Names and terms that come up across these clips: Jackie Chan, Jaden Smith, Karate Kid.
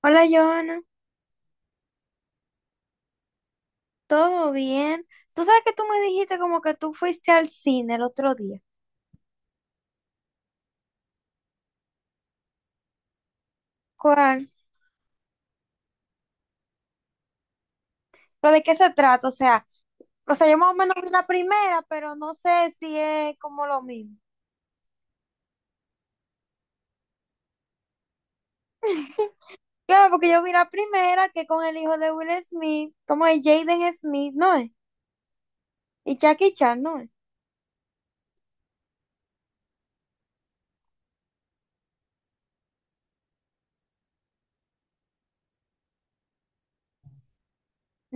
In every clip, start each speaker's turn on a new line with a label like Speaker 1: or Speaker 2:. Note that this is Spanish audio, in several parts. Speaker 1: Hola, Joana, ¿todo bien? Tú sabes que tú me dijiste como que tú fuiste al cine el otro día. ¿Cuál? ¿Pero de qué se trata? O sea, yo más o menos vi la primera, pero no sé si es como lo mismo. Claro, porque yo vi la primera que con el hijo de Will Smith, como es Jaden Smith, ¿no es? Y Jackie Chan, ¿no es?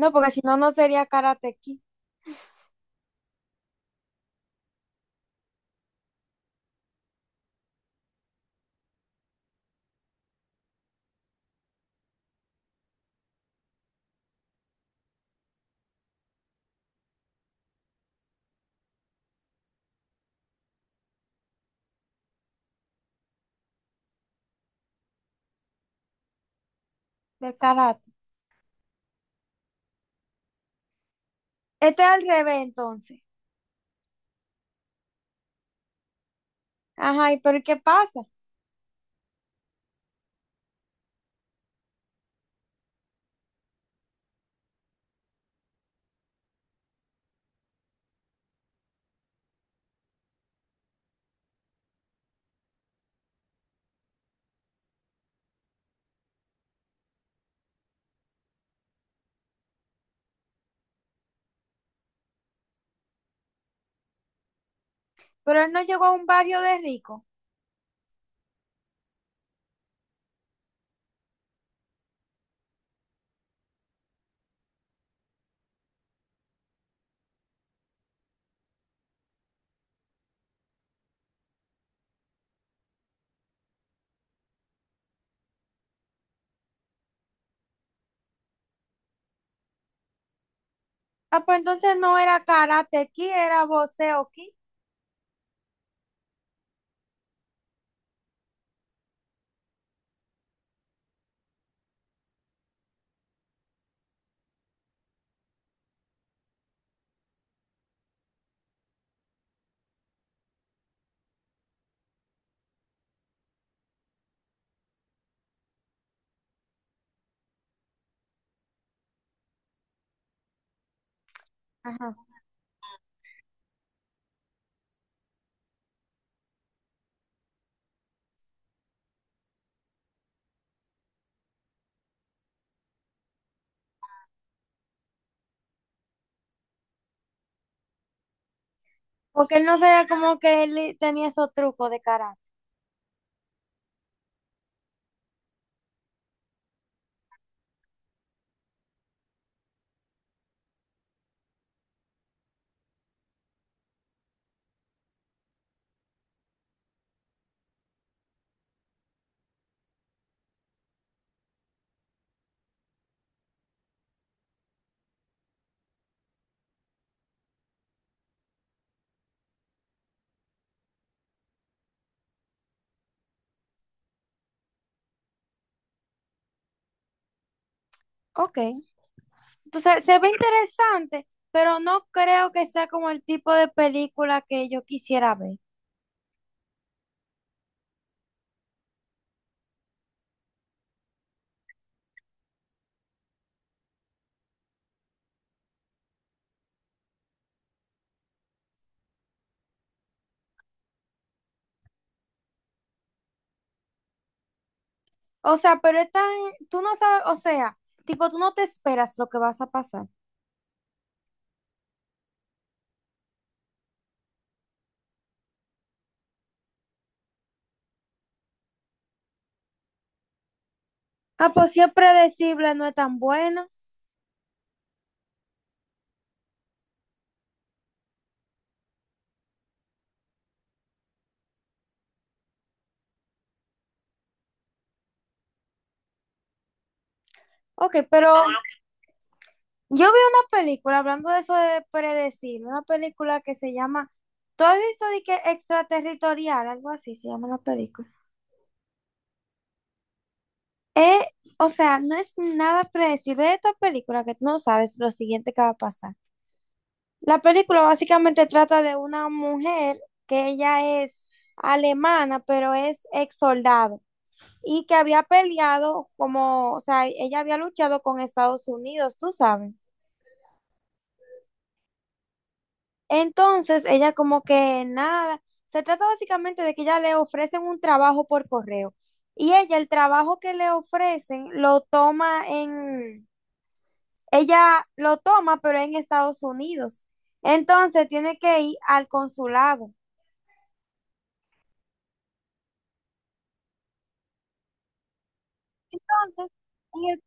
Speaker 1: No, porque si no, no sería Karate Kid, del karate. Este es al revés, entonces. Ajá, ¿y pero qué pasa? Pero él no llegó a un barrio de ricos. Ah, pues entonces no era karate ki, era boxeo ki. Ajá. Porque él no sabía como que él tenía esos trucos de karate. Ok. Entonces se ve interesante, pero no creo que sea como el tipo de película que yo quisiera ver. O sea, pero es tan, tú no sabes, o sea, tipo, tú no te esperas lo que vas a pasar. Ah, pues si es predecible, no es tan buena. Ok, pero yo vi una película, hablando de eso de predecir, una película que se llama, ¿tú has visto de que extraterritorial? Algo así se llama la película. Eh, o sea, no es nada predecible de esta película que tú no sabes lo siguiente que va a pasar. La película básicamente trata de una mujer que ella es alemana, pero es ex soldado y que había peleado como, o sea, ella había luchado con Estados Unidos, tú sabes. Entonces, ella como que nada, se trata básicamente de que ella le ofrecen un trabajo por correo y ella el trabajo que le ofrecen lo toma en, ella lo toma pero en Estados Unidos. Entonces, tiene que ir al consulado. Entonces, en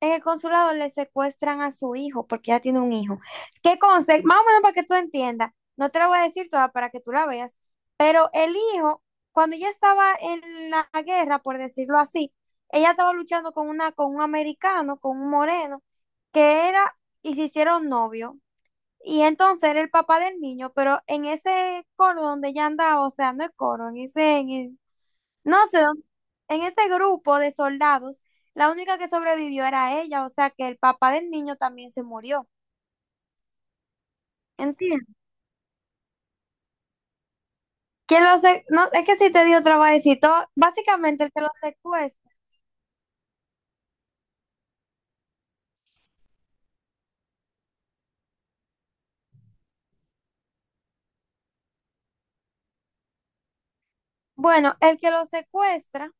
Speaker 1: En el consulado le secuestran a su hijo porque ya tiene un hijo. ¿Qué conste? Más o menos para que tú entiendas. No te la voy a decir toda para que tú la veas. Pero el hijo, cuando ella estaba en la guerra, por decirlo así, ella estaba luchando con una, con un americano, con un moreno, que era, y se hicieron novio. Y entonces era el papá del niño, pero en ese coro donde ella andaba, o sea, no es coro, en ese, en el- no sé, en ese grupo de soldados, la única que sobrevivió era ella, o sea que el papá del niño también se murió. ¿Entiendes? No, es que si te digo trabajecito, básicamente el que lo secuestra. Bueno, el que lo secuestra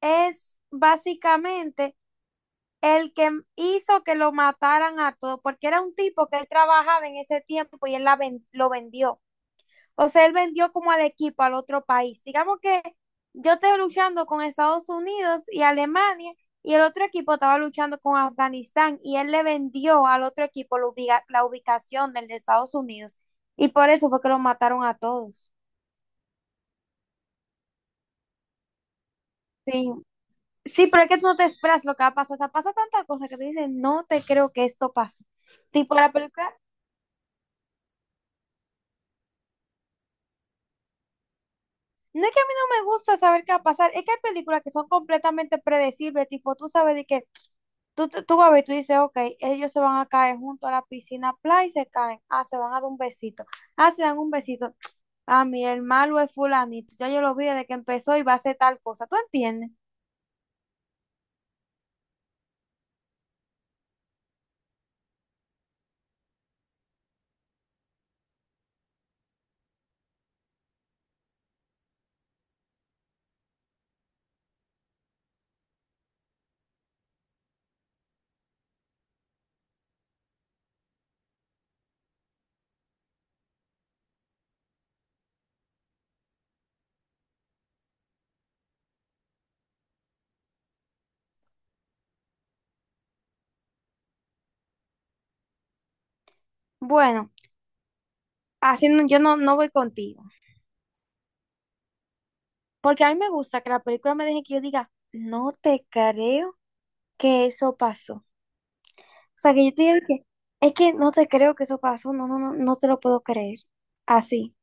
Speaker 1: es básicamente el que hizo que lo mataran a todos, porque era un tipo que él trabajaba en ese tiempo y él lo vendió. O sea, él vendió como al equipo al otro país. Digamos que yo estoy luchando con Estados Unidos y Alemania y el otro equipo estaba luchando con Afganistán y él le vendió al otro equipo la ubicación del de Estados Unidos y por eso fue que lo mataron a todos. Sí, sí, pero es que tú no te esperas lo que va a pasar. O sea, pasa tanta cosa que te dicen, no te creo que esto pase. Tipo, la película, no es que a mí no me gusta saber qué va a pasar, es que hay películas que son completamente predecibles, tipo, tú sabes de que Tú vas a ver, tú dices, ok, ellos se van a caer junto a la piscina, play y se caen. Ah, se van a dar un besito. Ah, se dan un besito. Ah, mi hermano es fulanito. Ya yo lo vi desde que empezó y va a hacer tal cosa. ¿Tú entiendes? Bueno, así no- yo no voy contigo. Porque a mí me gusta que la película me deje que yo diga, no te creo que eso pasó. O sea, que yo te diga que, es que no te creo que eso pasó. No, no, no, no te lo puedo creer. Así.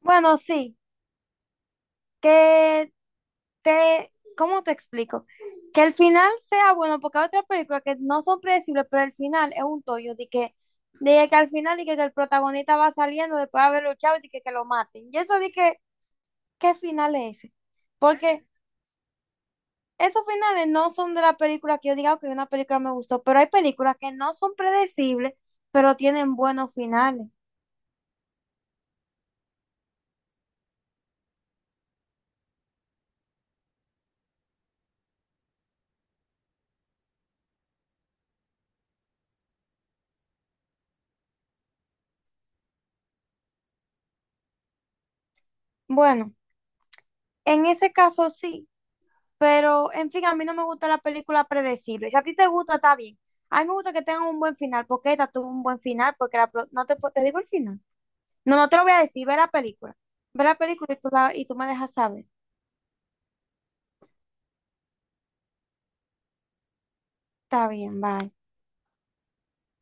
Speaker 1: Bueno, sí. Que te, ¿cómo te explico? Que el final sea bueno, porque hay otras películas que no son predecibles, pero el final es un tollo de que al final de que el protagonista va saliendo después de haber luchado y de que lo maten. Y eso de que, ¿qué final es ese? Porque esos finales no son de la película que yo diga que una película me gustó, pero hay películas que no son predecibles, pero tienen buenos finales. Bueno, en ese caso sí. Pero, en fin, a mí no me gusta la película predecible. Si a ti te gusta, está bien. A mí me gusta que tengan un buen final, porque esta tuvo un buen final, porque la, pro- no te, po- te digo el final. No, no te lo voy a decir, ve la película. Ve la película y tú, la, y tú me dejas saber. Está bien, bye.